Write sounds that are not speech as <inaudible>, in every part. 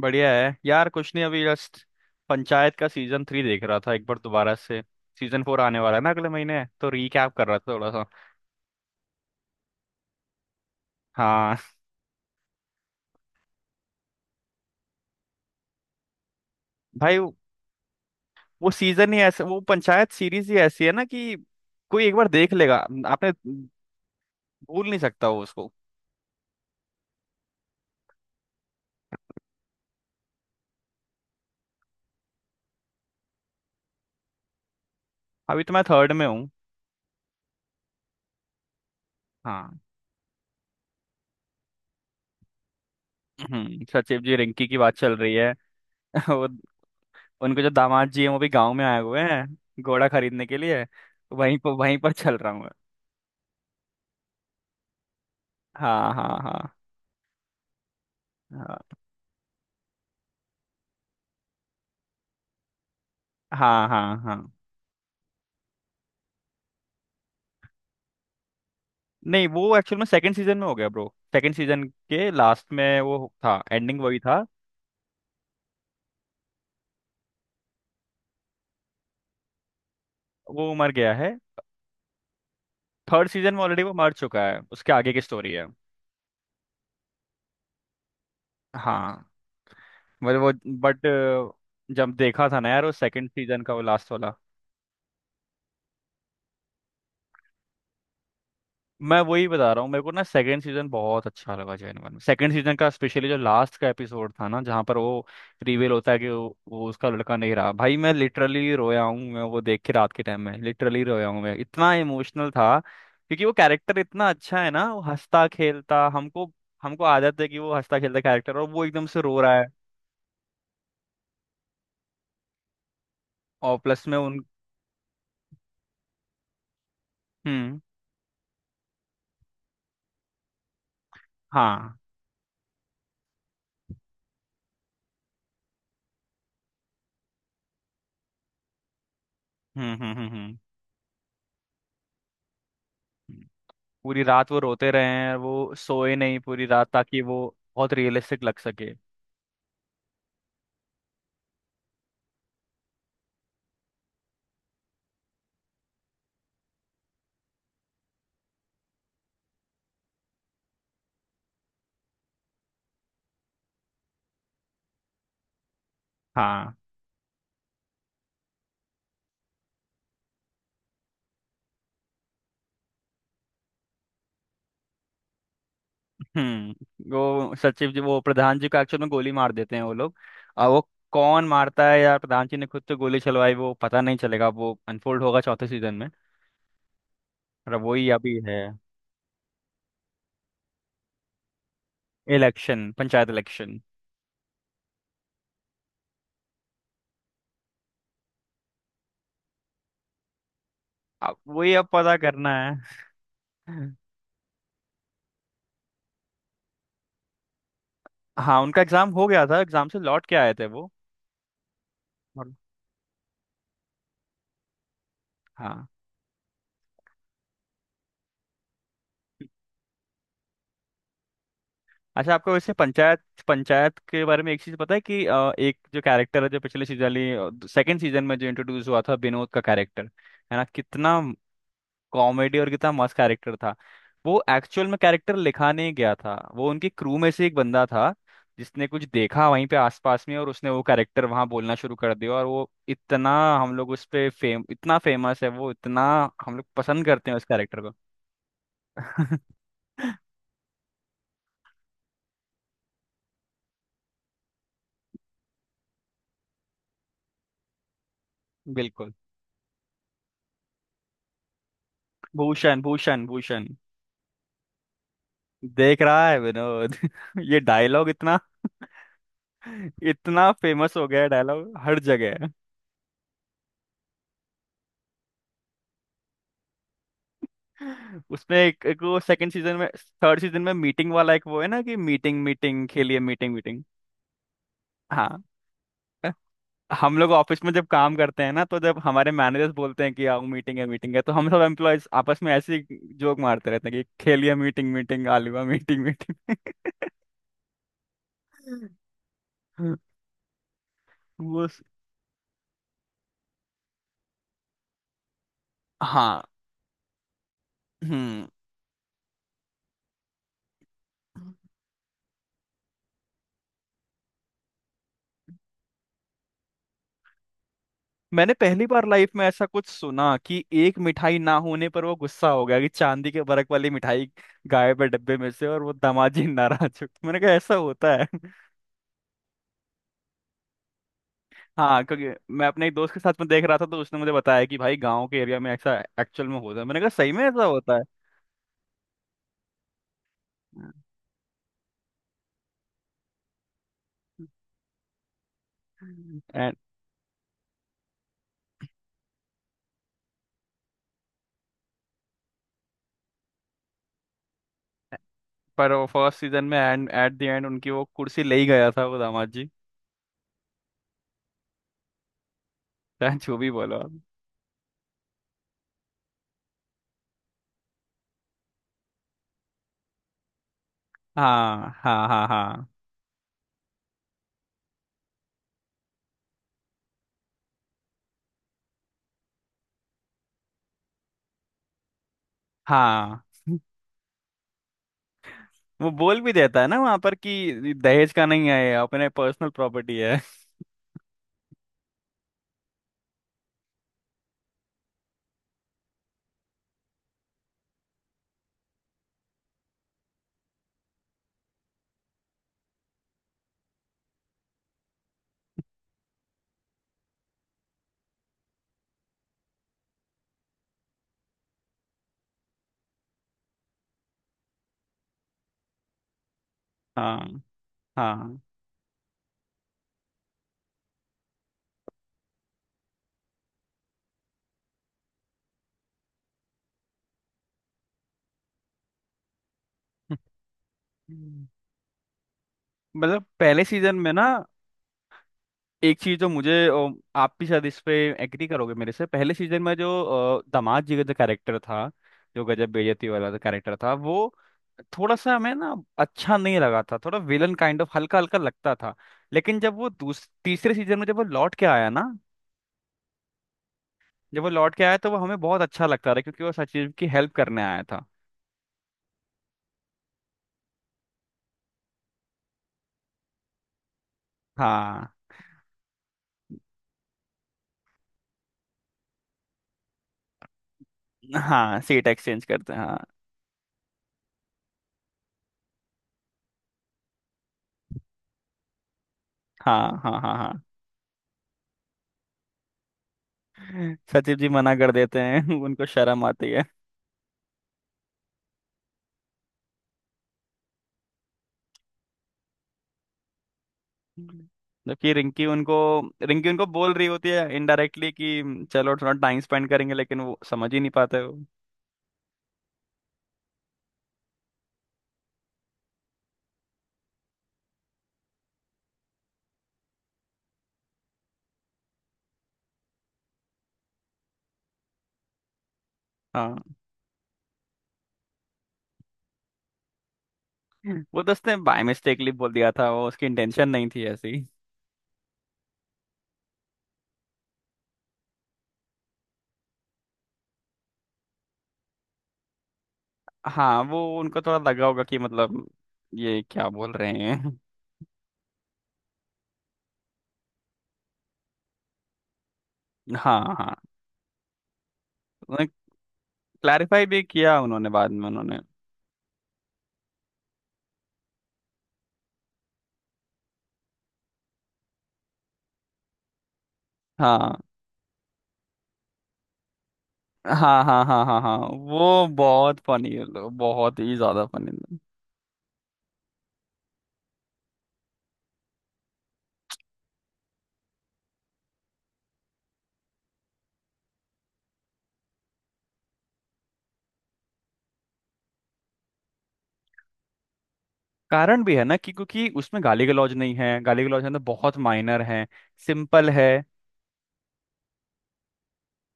बढ़िया है यार। कुछ नहीं, अभी जस्ट पंचायत का सीजन थ्री देख रहा था एक बार दोबारा से। सीजन फोर आने वाला है ना अगले महीने, तो रीकैप कर रहा था थोड़ा सा। हाँ। भाई वो पंचायत सीरीज ही ऐसी है ना कि कोई एक बार देख लेगा। आपने भूल नहीं सकता वो उसको। अभी तो मैं थर्ड में हूँ। हाँ। सचिव जी रिंकी की बात चल रही है। <laughs> वो उनके जो दामाद जी हैं वो भी गाँव में आए हुए हैं घोड़ा खरीदने के लिए। वहीं पर चल रहा हूँ मैं। हाँ, हाँ, हाँ, हाँ, हाँ, हाँ, हाँ। नहीं, वो एक्चुअल में सेकंड सीजन में हो गया ब्रो। सेकंड सीजन के लास्ट में वो था, एंडिंग वही था। वो मर गया है। थर्ड सीजन में ऑलरेडी वो मर चुका है, उसके आगे की स्टोरी है। हाँ। मतलब वो, बट जब देखा था ना यार, वो सेकंड सीजन का वो लास्ट वाला। मैं वही बता रहा हूँ, मेरे को ना सेकंड सीजन बहुत अच्छा लगा जेनवन में, सेकंड सीजन का स्पेशली जो लास्ट का एपिसोड था ना जहाँ पर वो रिवील होता है कि वो उसका लड़का नहीं रहा। भाई मैं लिटरली रोया हूँ मैं, वो देख के रात के टाइम में लिटरली रोया हूँ मैं, इतना इमोशनल था क्योंकि वो कैरेक्टर इतना अच्छा है ना, वो हंसता खेलता हमको। हमको आदत है कि वो हंसता खेलता कैरेक्टर और वो एकदम से रो रहा है। और प्लस में उन। हम्म। हाँ। हम्म। हम्म। हम्म। हम्म। हम्म। पूरी रात वो रोते रहे हैं, वो सोए नहीं पूरी रात ताकि वो बहुत रियलिस्टिक लग सके। हाँ। हम्म, वो सचिव जी वो प्रधान जी को एक्चुअल में गोली मार देते हैं वो लोग। और वो कौन मारता है या प्रधान जी ने खुद तो गोली चलवाई, वो पता नहीं चलेगा, वो अनफोल्ड होगा चौथे सीजन में। और अब वही अभी है। Election, panchayat election. अब वही, अब पता करना है। हाँ उनका एग्जाम हो गया था, एग्जाम से लौट के आए थे वो। और। हाँ। अच्छा आपको वैसे पंचायत पंचायत के बारे में एक चीज पता है कि एक जो कैरेक्टर है जो पिछले सीजन सेकंड सीजन में जो इंट्रोड्यूस हुआ था, विनोद का कैरेक्टर है ना, कितना कॉमेडी और कितना मस्त कैरेक्टर था। वो एक्चुअल में कैरेक्टर लिखा नहीं गया था, वो उनकी क्रू में से एक बंदा था जिसने कुछ देखा वहीं पे आसपास में और उसने वो कैरेक्टर वहां बोलना शुरू कर दिया और वो इतना। हम लोग उस पे फेम, इतना फेमस है वो, इतना। हम लोग पसंद करते हैं उस कैरेक्टर को। <laughs> बिल्कुल। भूषण, भूषण, भूषण। देख रहा है विनोद <laughs> ये डायलॉग इतना। <laughs> इतना फेमस हो गया डायलॉग हर जगह। उसमें एक वो सेकंड सीजन में। थर्ड सीजन में मीटिंग वाला एक वो है ना कि मीटिंग मीटिंग खेलिए मीटिंग मीटिंग। हाँ। अ, हम लोग ऑफिस में जब काम करते हैं ना, तो जब हमारे मैनेजर्स बोलते हैं कि आओ मीटिंग है मीटिंग है, तो हम सब एम्प्लॉयज आपस में ऐसे जोक मारते रहते हैं कि खेलिए मीटिंग मीटिंग, आलूआ मीटिंग मीटिंग। <laughs> वो स- हाँ। हम्म। मैंने पहली बार लाइफ में ऐसा कुछ सुना कि एक मिठाई ना होने पर वो गुस्सा हो गया, कि चांदी के बरक वाली मिठाई गायब है डब्बे में से और वो दामाजी <laughs> नाराज हो गए। मैंने कहा ऐसा होता है। हाँ क्योंकि मैं अपने एक दोस्त के साथ में देख रहा था, तो उसने मुझे बताया कि भाई गांव के एरिया में ऐसा एक्चुअल में होता है, मैंने कहा सही में ऐसा होता है। एंड। पर वो फर्स्ट सीजन में एंड एट द एंड उनकी वो कुर्सी ले ही गया था वो दामाद जी। चाहे जो भी बोलो आप। हाँ, हाँ, हाँ, हाँ, हाँ। वो बोल भी देता है ना वहां पर कि दहेज का नहीं है ये, अपने पर्सनल प्रॉपर्टी है। <laughs> हाँ, हाँ। हम्म। मतलब पहले सीजन में ना एक चीज जो मुझे आप भी शायद इस पे एग्री करोगे मेरे से, पहले सीजन में जो दामाद जी का जो कैरेक्टर था, जो गजब बेइज्जती वाला जो कैरेक्टर था, वो थोड़ा सा हमें ना अच्छा नहीं लगा था, थोड़ा विलन काइंड ऑफ हल्का हल्का लगता था। लेकिन जब वो दूस तीसरे सीजन में जब वो लौट के आया ना, जब वो लौट के आया तो वो हमें बहुत अच्छा लगता रहा क्योंकि वो सचिव की हेल्प करने आया था। हाँ। हाँ सीट एक्सचेंज करते हैं हाँ। हाँ, हाँ, हाँ, हाँ। सचिव जी मना कर देते हैं <laughs> उनको शर्म आती है। जबकि रिंकी उनको बोल रही होती है इनडायरेक्टली कि चलो थोड़ा टाइम स्पेंड करेंगे, लेकिन वो समझ ही नहीं पाते वो। हाँ वो तो उसने बाय मिस्टेकली बोल दिया था, वो उसकी इंटेंशन नहीं थी ऐसी। हाँ वो उनको थोड़ा लगा होगा कि मतलब ये क्या बोल रहे हैं। हाँ, हाँ। क्लैरिफाई भी किया उन्होंने बाद में उन्होंने। हाँ, हाँ, हाँ, हाँ, हाँ, हाँ। वो बहुत फनी, बहुत ही ज्यादा फनी। कारण भी है ना कि क्योंकि उसमें गाली गलौज नहीं है, गाली गलौज है तो बहुत माइनर है। सिंपल है,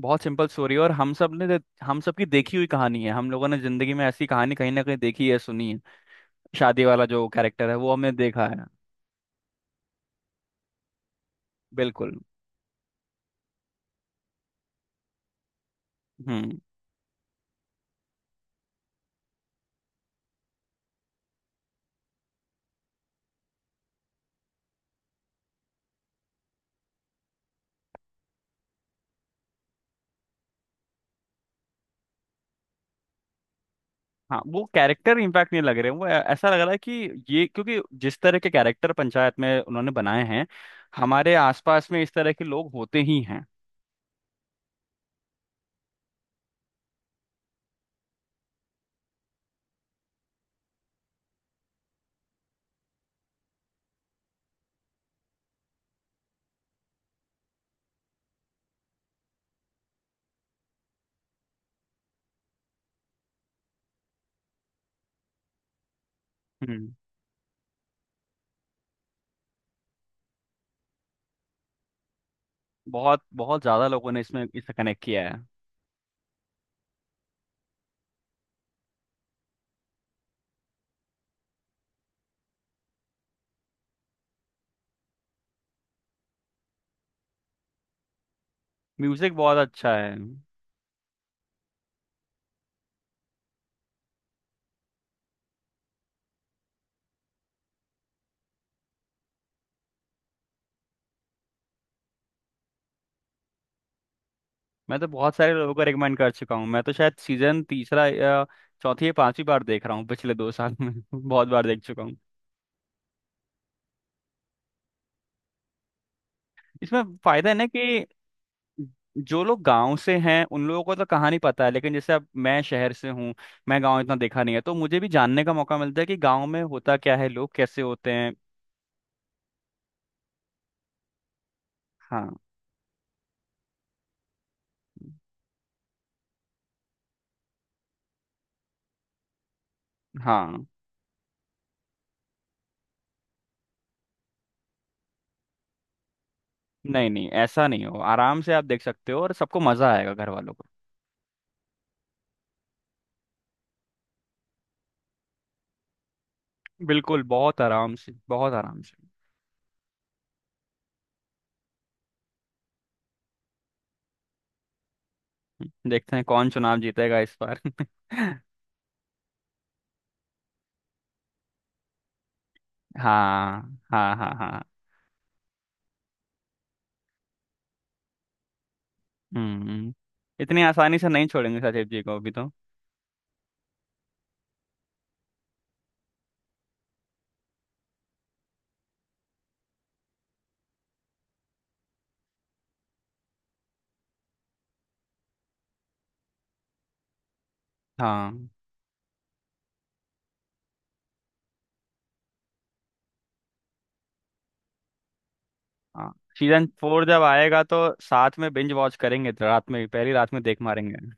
बहुत सिंपल स्टोरी है और हम सब की देखी हुई कहानी है, हम लोगों ने जिंदगी में ऐसी कहानी कहीं ना कहीं देखी है, सुनी है। शादी वाला जो कैरेक्टर है वो हमने देखा है। बिल्कुल। हम्म। हाँ वो कैरेक्टर इम्पैक्ट नहीं लग रहे हैं, वो ऐसा लग रहा है कि ये क्योंकि जिस तरह के कैरेक्टर पंचायत में उन्होंने बनाए हैं, हमारे आसपास में इस तरह के लोग होते ही हैं। हम्म। बहुत, बहुत ज्यादा लोगों ने इसमें इससे कनेक्ट किया है। म्यूजिक बहुत अच्छा है। मैं तो बहुत सारे लोगों को रिकमेंड कर चुका हूँ, मैं तो शायद सीजन तीसरा या चौथी या पांचवी बार देख रहा हूँ पिछले 2 साल में <laughs> बहुत बार देख चुका हूँ। इसमें फायदा है ना कि जो लोग गांव से हैं उन लोगों को तो कहानी पता है, लेकिन जैसे अब मैं शहर से हूँ, मैं गांव इतना देखा नहीं है तो मुझे भी जानने का मौका मिलता है कि गांव में होता क्या है, लोग कैसे होते हैं। हाँ, हाँ। नहीं, नहीं, ऐसा नहीं हो, आराम से आप देख सकते हो और सबको मजा आएगा घर वालों को। बिल्कुल, बहुत आराम से, बहुत आराम से। देखते हैं कौन चुनाव जीतेगा इस बार। <laughs> हाँ, हाँ, हाँ, हाँ। हम्म। इतनी आसानी से नहीं छोड़ेंगे सचिव जी को अभी तो। हाँ, हाँ। सीजन फोर जब आएगा तो साथ में बिंज वॉच करेंगे रात में ही, पहली रात में देख मारेंगे।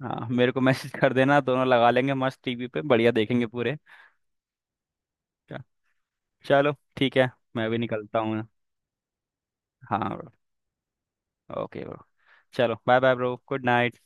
हाँ मेरे को <laughs> मैसेज कर देना, दोनों लगा लेंगे मस्त टीवी पे, बढ़िया देखेंगे पूरे। च- चलो ठीक है। मैं भी निकलता हूँ। हाँ ब्रो। Okay bro. चलो, bye bye bro, good night.